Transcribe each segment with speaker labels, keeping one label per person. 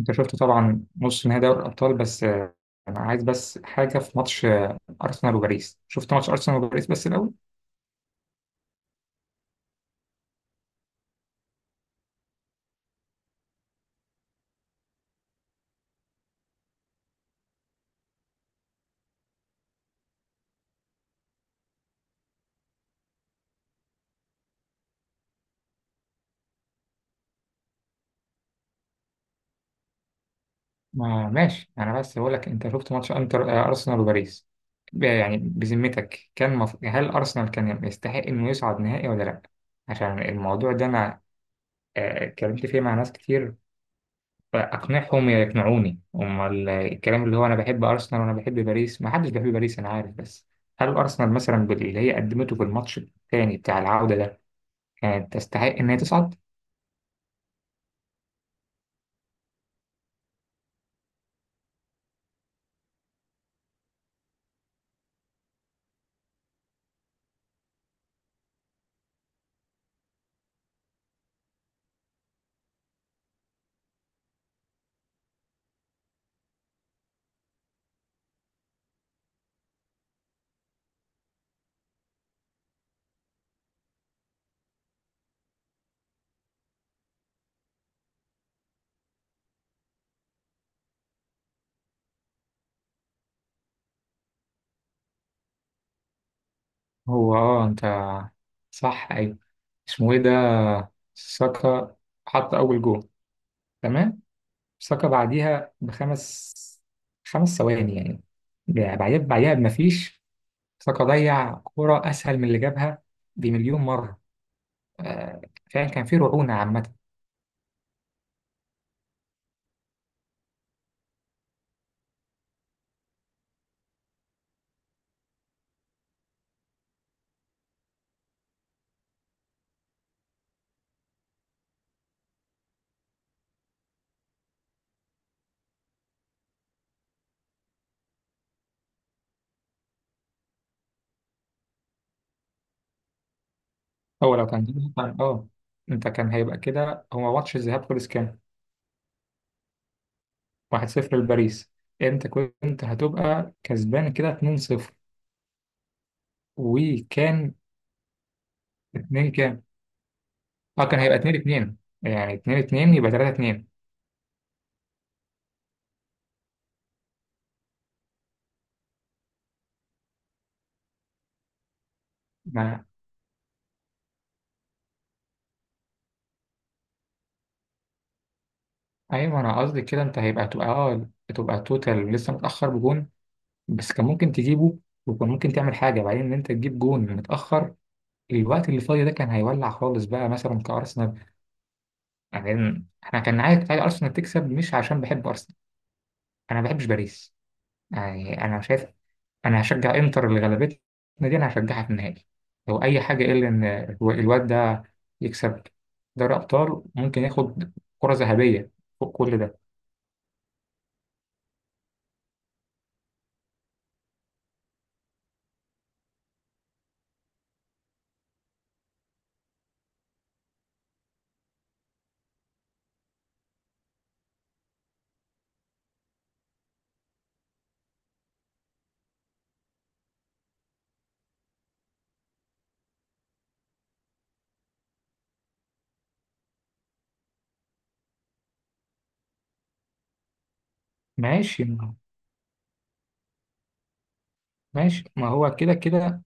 Speaker 1: انت شفت طبعا نص نهائي دوري الابطال بس آه، انا عايز بس حاجه في ماتش ارسنال وباريس شفت ماتش ارسنال وباريس بس الاول. ما ماشي انا بس بقول لك انت شفت ماتش انتر ارسنال وباريس. يعني بذمتك هل ارسنال كان يستحق انه يصعد نهائي ولا لا؟ عشان الموضوع ده انا اتكلمت فيه مع ناس كتير. اقنعهم يقنعوني. امال الكلام اللي هو انا بحب ارسنال وانا بحب باريس، ما حدش بيحب باريس انا عارف، بس هل ارسنال مثلا باللي هي قدمته في الماتش الثاني بتاع العودة ده كانت تستحق إن هي تصعد؟ هو اه أنت صح، أيوة. اسمه إيه ده؟ ساكا حط أول جول، تمام. ساكا بعديها بخمس، خمس ثواني يعني. بعديها بمفيش، ساكا ضيع كرة أسهل من اللي جابها بمليون مرة. آه، فعلا كان في رعونة عامة. هو لو كان جابها كان اه أنت كان هيبقى كده. هو ماتش الذهاب خلص كام؟ 1-0 لباريس. أنت كنت هتبقى كسبان كده 2-0 وكان. اتنين كام؟ اه كان هيبقى اتنين اتنين، يعني اتنين اتنين يبقى تلاتة اتنين. ما ايوه انا قصدي كده، انت هيبقى تبقى اه تبقى توتال لسه متأخر بجون، بس كان ممكن تجيبه. وكان ممكن تعمل حاجة بعدين، ان انت تجيب جون متأخر، الوقت اللي فاضي ده كان هيولع خالص بقى مثلا كأرسنال. يعني احنا كان عايز ارسنال تكسب، مش عشان بحب ارسنال. انا ما بحبش باريس، يعني انا شايف. انا هشجع انتر اللي غلبتنا، دي انا هشجعها في النهائي لو اي حاجه، الا ان الواد ده يكسب دوري ابطال، ممكن ياخد كره ذهبيه فوق كل ده. ماشي، ما هو- ماشي ما هو كده كده.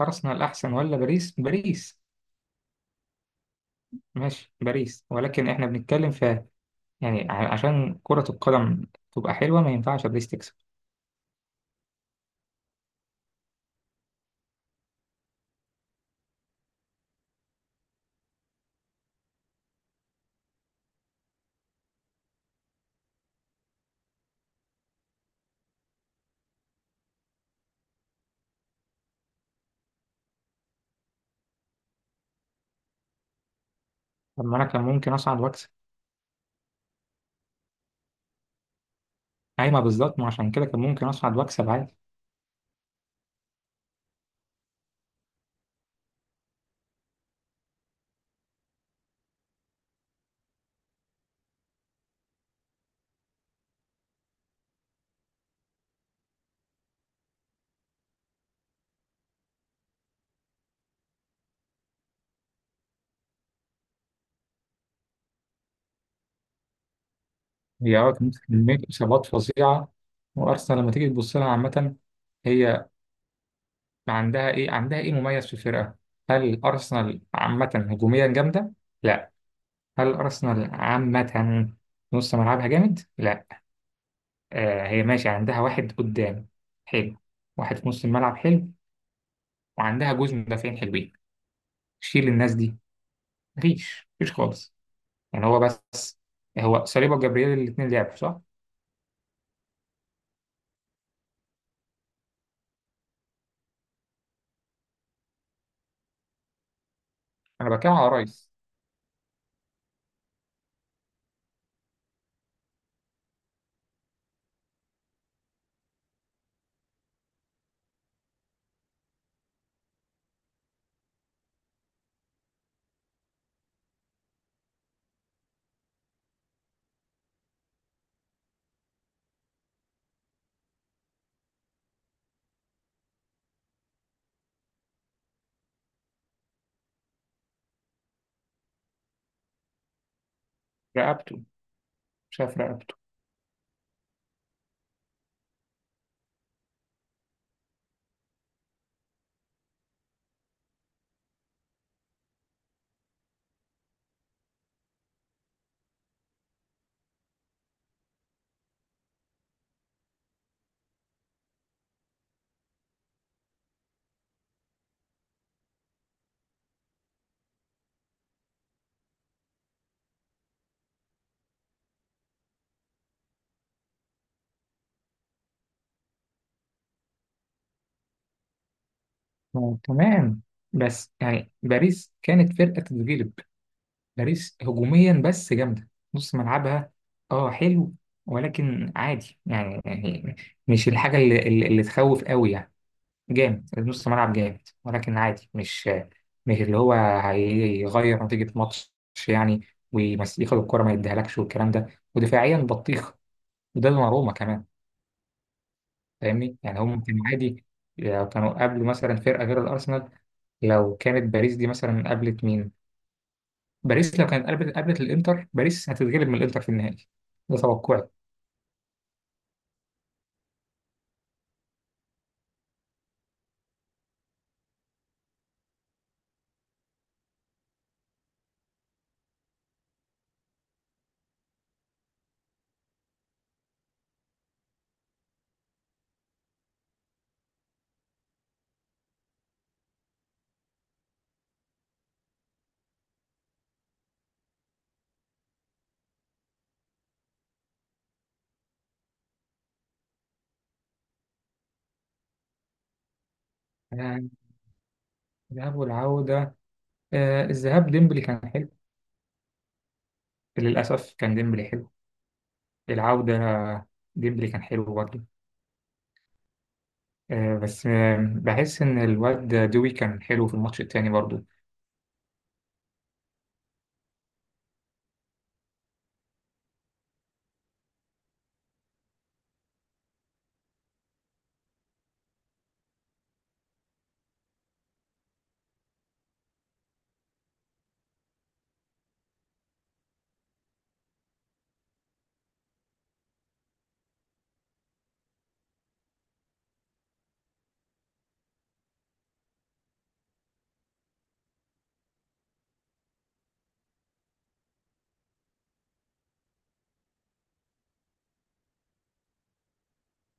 Speaker 1: ارسنال احسن ولا باريس؟ باريس، ماشي باريس، ولكن احنا بنتكلم في يعني عشان كره القدم تبقى حلوه، ما ينفعش باريس تكسب. طب ما انا كان ممكن اصعد واكسب. ايوه بالظبط، ما عشان كده كان ممكن اصعد واكسب عادي. هي اه كانت كمية إصابات فظيعة. وأرسنال لما تيجي تبص لها عامة، هي عندها إيه مميز في الفرقة؟ هل أرسنال عامة هجوميا جامدة؟ لا. هل أرسنال عامة نص ملعبها جامد؟ لا. آه، هي ماشي عندها واحد قدام حلو، واحد في نص الملعب حلو، وعندها جوز مدافعين حلوين. شيل الناس دي، مفيش خالص. يعني هو بس، هو صليبا وجبريل الاتنين لعبوا صح؟ أنا بتكلم على رايس. رقبته. شاف رقبته. آه، تمام. بس يعني باريس كانت فرقة تتغلب. باريس هجوميا بس جامدة، نص ملعبها اه حلو، ولكن عادي، يعني يعني مش الحاجة اللي تخوف قوي يعني. جامد، نص ملعب جامد، ولكن عادي، مش مش اللي هو هيغير نتيجة ماتش يعني، وياخد الكرة ما يديهالكش والكلام ده. ودفاعيا بطيخ، وده دوناروما كمان. فاهمني؟ يعني هم كانوا عادي، يعني كانوا قبل مثلا فرقة غير الأرسنال. لو كانت باريس دي مثلا قابلت مين؟ باريس لو كانت قابلت الانتر، باريس هتتغلب من الانتر في النهائي، ده توقعي. آه، الذهاب والعودة. آه، الذهاب ديمبلي كان حلو، للأسف كان ديمبلي حلو. العودة ديمبلي كان حلو برضه. آه، بس آه، بحس إن الواد دوي كان حلو في الماتش التاني برضه.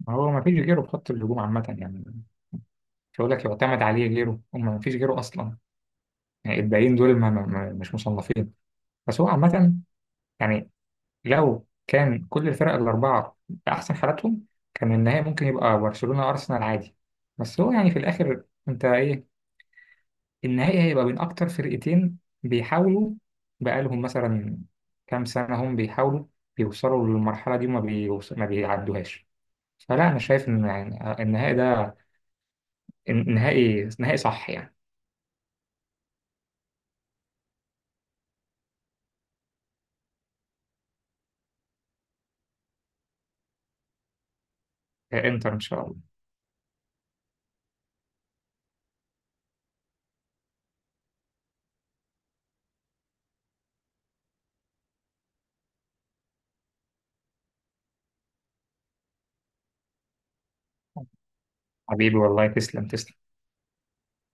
Speaker 1: ما هو ما فيش غيره في خط الهجوم عامة يعني، مش هقول لك يعتمد عليه غيره، هم ما فيش غيره أصلا. يعني الباقيين دول مش مصنفين. بس هو عامة يعني، لو كان كل الفرق الأربعة بأحسن حالاتهم، كان النهائي ممكن يبقى برشلونة أرسنال عادي. بس هو يعني في الآخر أنت إيه، النهائي هيبقى بين أكتر فرقتين بيحاولوا بقالهم مثلا كام سنة هم بيحاولوا بيوصلوا للمرحلة دي ما بيعدوهاش. فلا أنا شايف إن يعني النهائي ده النهائي نهائي صح يعني. إنتر إن شاء الله. حبيبي والله، تسلم تسلم.